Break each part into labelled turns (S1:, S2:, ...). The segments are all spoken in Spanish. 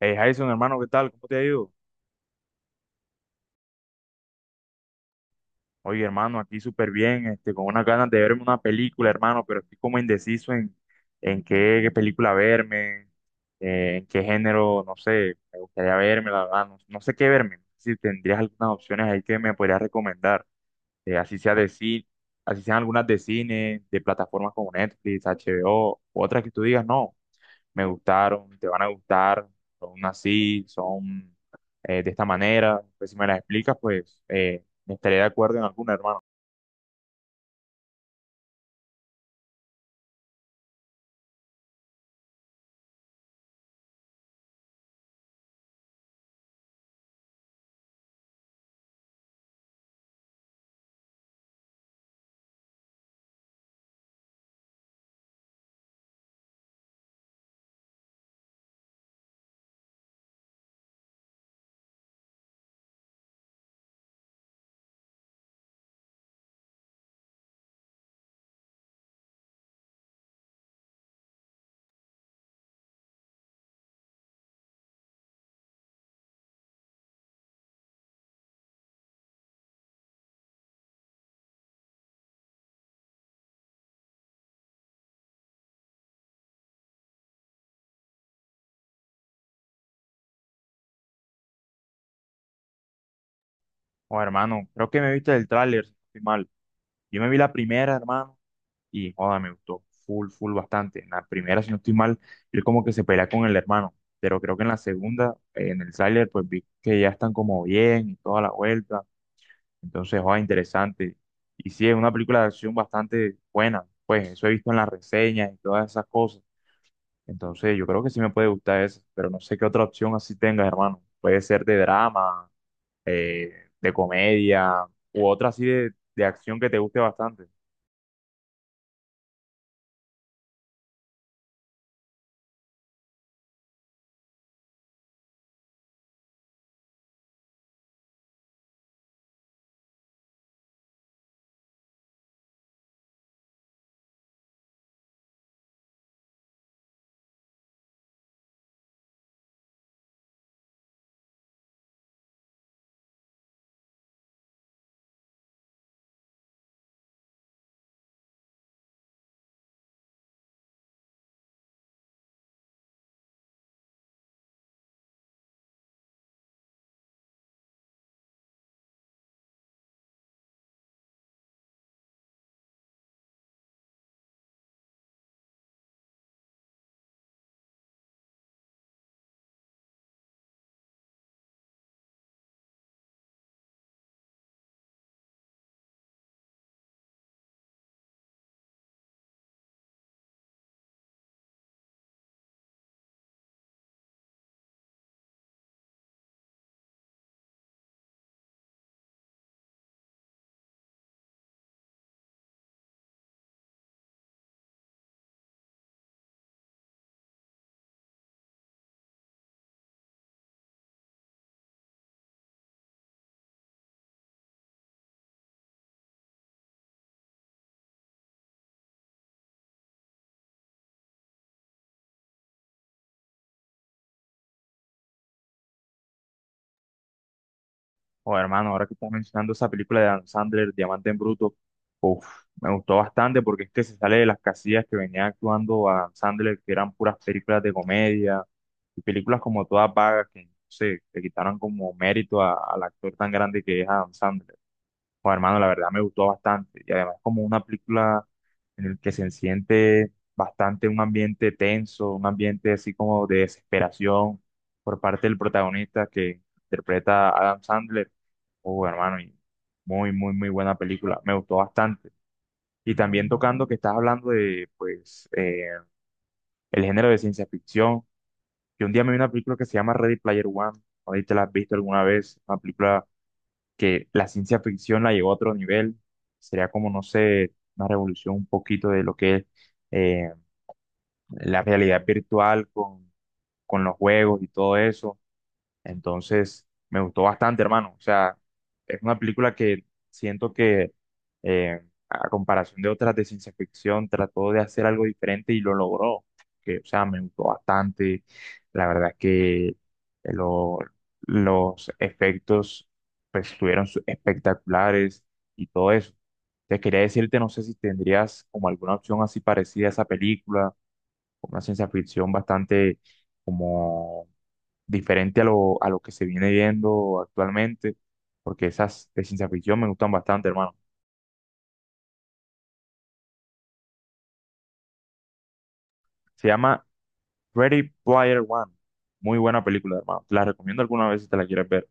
S1: Hey Jason, hermano, ¿qué tal? ¿Cómo te ha ido? Oye, hermano, aquí súper bien, con unas ganas de verme una película, hermano, pero estoy como indeciso en qué película verme, en qué género, no sé, me gustaría verme, la verdad, no sé qué verme. Si tendrías algunas opciones ahí que me podrías recomendar, así sea de cine, así sean algunas de cine, de plataformas como Netflix, HBO, otras que tú digas, no, me gustaron, te van a gustar, son así, son de esta manera. Pues si me las explicas, pues estaré de acuerdo en alguna, hermano. O hermano, creo que me viste el tráiler, si no estoy mal. Yo me vi la primera, hermano, y joda, me gustó full, full bastante. En la primera, si no estoy mal, él como que se pelea con el hermano. Pero creo que en la segunda, en el tráiler, pues vi que ya están como bien y toda la vuelta. Entonces, joda, interesante. Y sí, es una película de acción bastante buena. Pues eso he visto en las reseñas y todas esas cosas. Entonces, yo creo que sí me puede gustar eso, pero no sé qué otra opción así tengas, hermano. Puede ser de drama, eh, de comedia, u otra así de acción que te guste bastante. O hermano, ahora que estás mencionando esa película de Dan Sandler, Diamante en Bruto, uf, me gustó bastante porque es que se sale de las casillas que venía actuando a Dan Sandler, que eran puras películas de comedia, y películas como todas vagas que, no sé, le quitaron como mérito a- al actor tan grande que es Adam Sandler. Pues hermano, la verdad me gustó bastante. Y además como una película en el que se siente bastante un ambiente tenso, un ambiente así como de desesperación por parte del protagonista que interpreta a Adam Sandler. Oh, hermano, y muy, muy, muy buena película. Me gustó bastante. Y también tocando que estás hablando de, el género de ciencia ficción. Yo un día me vi una película que se llama Ready Player One. No sé si te la has visto alguna vez. Una película que la ciencia ficción la llevó a otro nivel. Sería como, no sé, una revolución un poquito de lo que es eh, la realidad virtual con los juegos y todo eso. Entonces, me gustó bastante, hermano. O sea, es una película que siento que, eh, a comparación de otras de ciencia ficción, trató de hacer algo diferente y lo logró. Que, o sea, me gustó bastante. La verdad es que lo- los efectos, pues, estuvieron su- espectaculares y todo eso. Te quería decirte, no sé si tendrías como alguna opción así parecida a esa película, una ciencia ficción bastante como diferente a a lo que se viene viendo actualmente, porque esas de ciencia ficción me gustan bastante, hermano. Se llama Ready Player One. Muy buena película, hermano. Te la recomiendo alguna vez si te la quieres ver.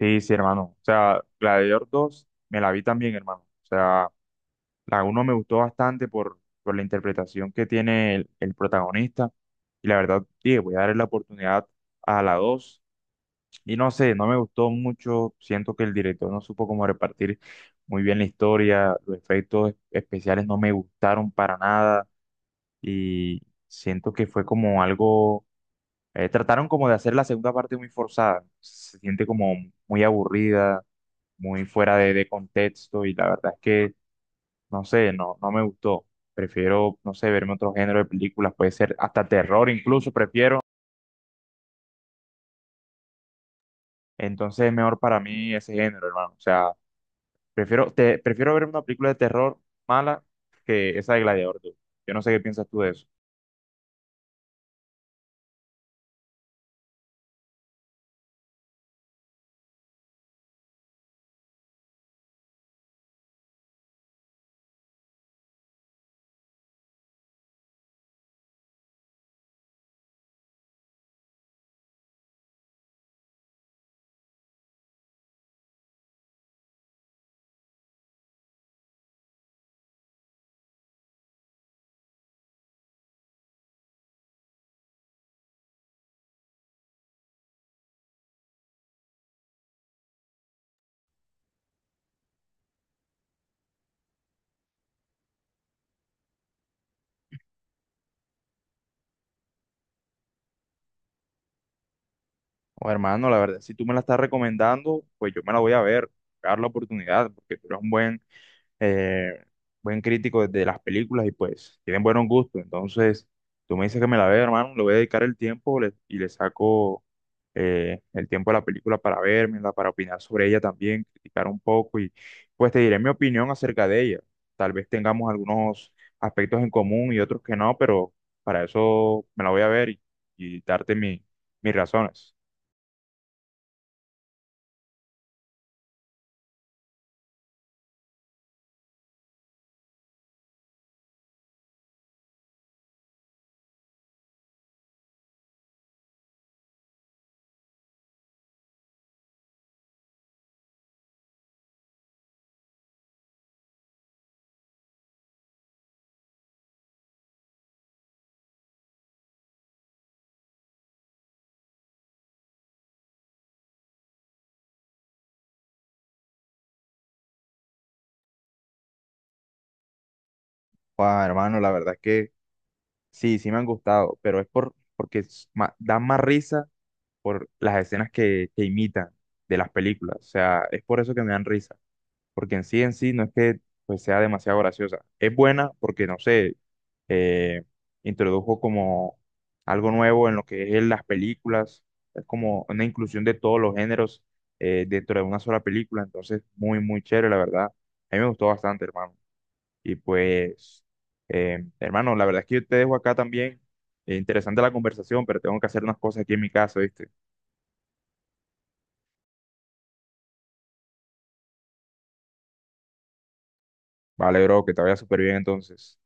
S1: Sí, sí, hermano. O sea, Gladiator 2 me la vi también, hermano. O sea, la uno me gustó bastante por la interpretación que tiene el protagonista. Y la verdad, dije, voy a darle la oportunidad a la dos. Y no sé, no me gustó mucho. Siento que el director no supo cómo repartir muy bien la historia. Los efectos es- especiales no me gustaron para nada. Y siento que fue como algo. Trataron como de hacer la segunda parte muy forzada. Se siente como muy aburrida, muy fuera de contexto. Y la verdad es que, no sé, no me gustó. Prefiero, no sé, verme otro género de películas. Puede ser hasta terror, incluso prefiero. Entonces es mejor para mí ese género, hermano. O sea. Prefiero ver una película de terror mala que esa de Gladiador, tú. Yo no sé qué piensas tú de eso. O hermano, la verdad, si tú me la estás recomendando, pues yo me la voy a ver, dar la oportunidad, porque tú eres un buen eh, buen crítico de las películas y pues tienen buenos gustos. Entonces, tú me dices que me la vea, hermano, le voy a dedicar el tiempo y le saco el tiempo a la película para vérmela, para opinar sobre ella también, criticar un poco y pues te diré mi opinión acerca de ella. Tal vez tengamos algunos aspectos en común y otros que no, pero para eso me la voy a ver, y darte mis razones. Guau, hermano, la verdad es que sí, sí me han gustado, pero es porque es ma- dan más risa por las escenas que imitan de las películas. O sea, es por eso que me dan risa, porque en sí no es que pues, sea demasiado graciosa. Es buena porque, no sé, eh, introdujo como algo nuevo en lo que es las películas, es como una inclusión de todos los géneros, dentro de una sola película, entonces muy, muy chévere, la verdad. A mí me gustó bastante, hermano. Y pues, hermano, la verdad es que yo te dejo acá también. Interesante la conversación, pero tengo que hacer unas cosas aquí en mi casa, ¿viste? Vale, bro, que te vaya súper bien entonces.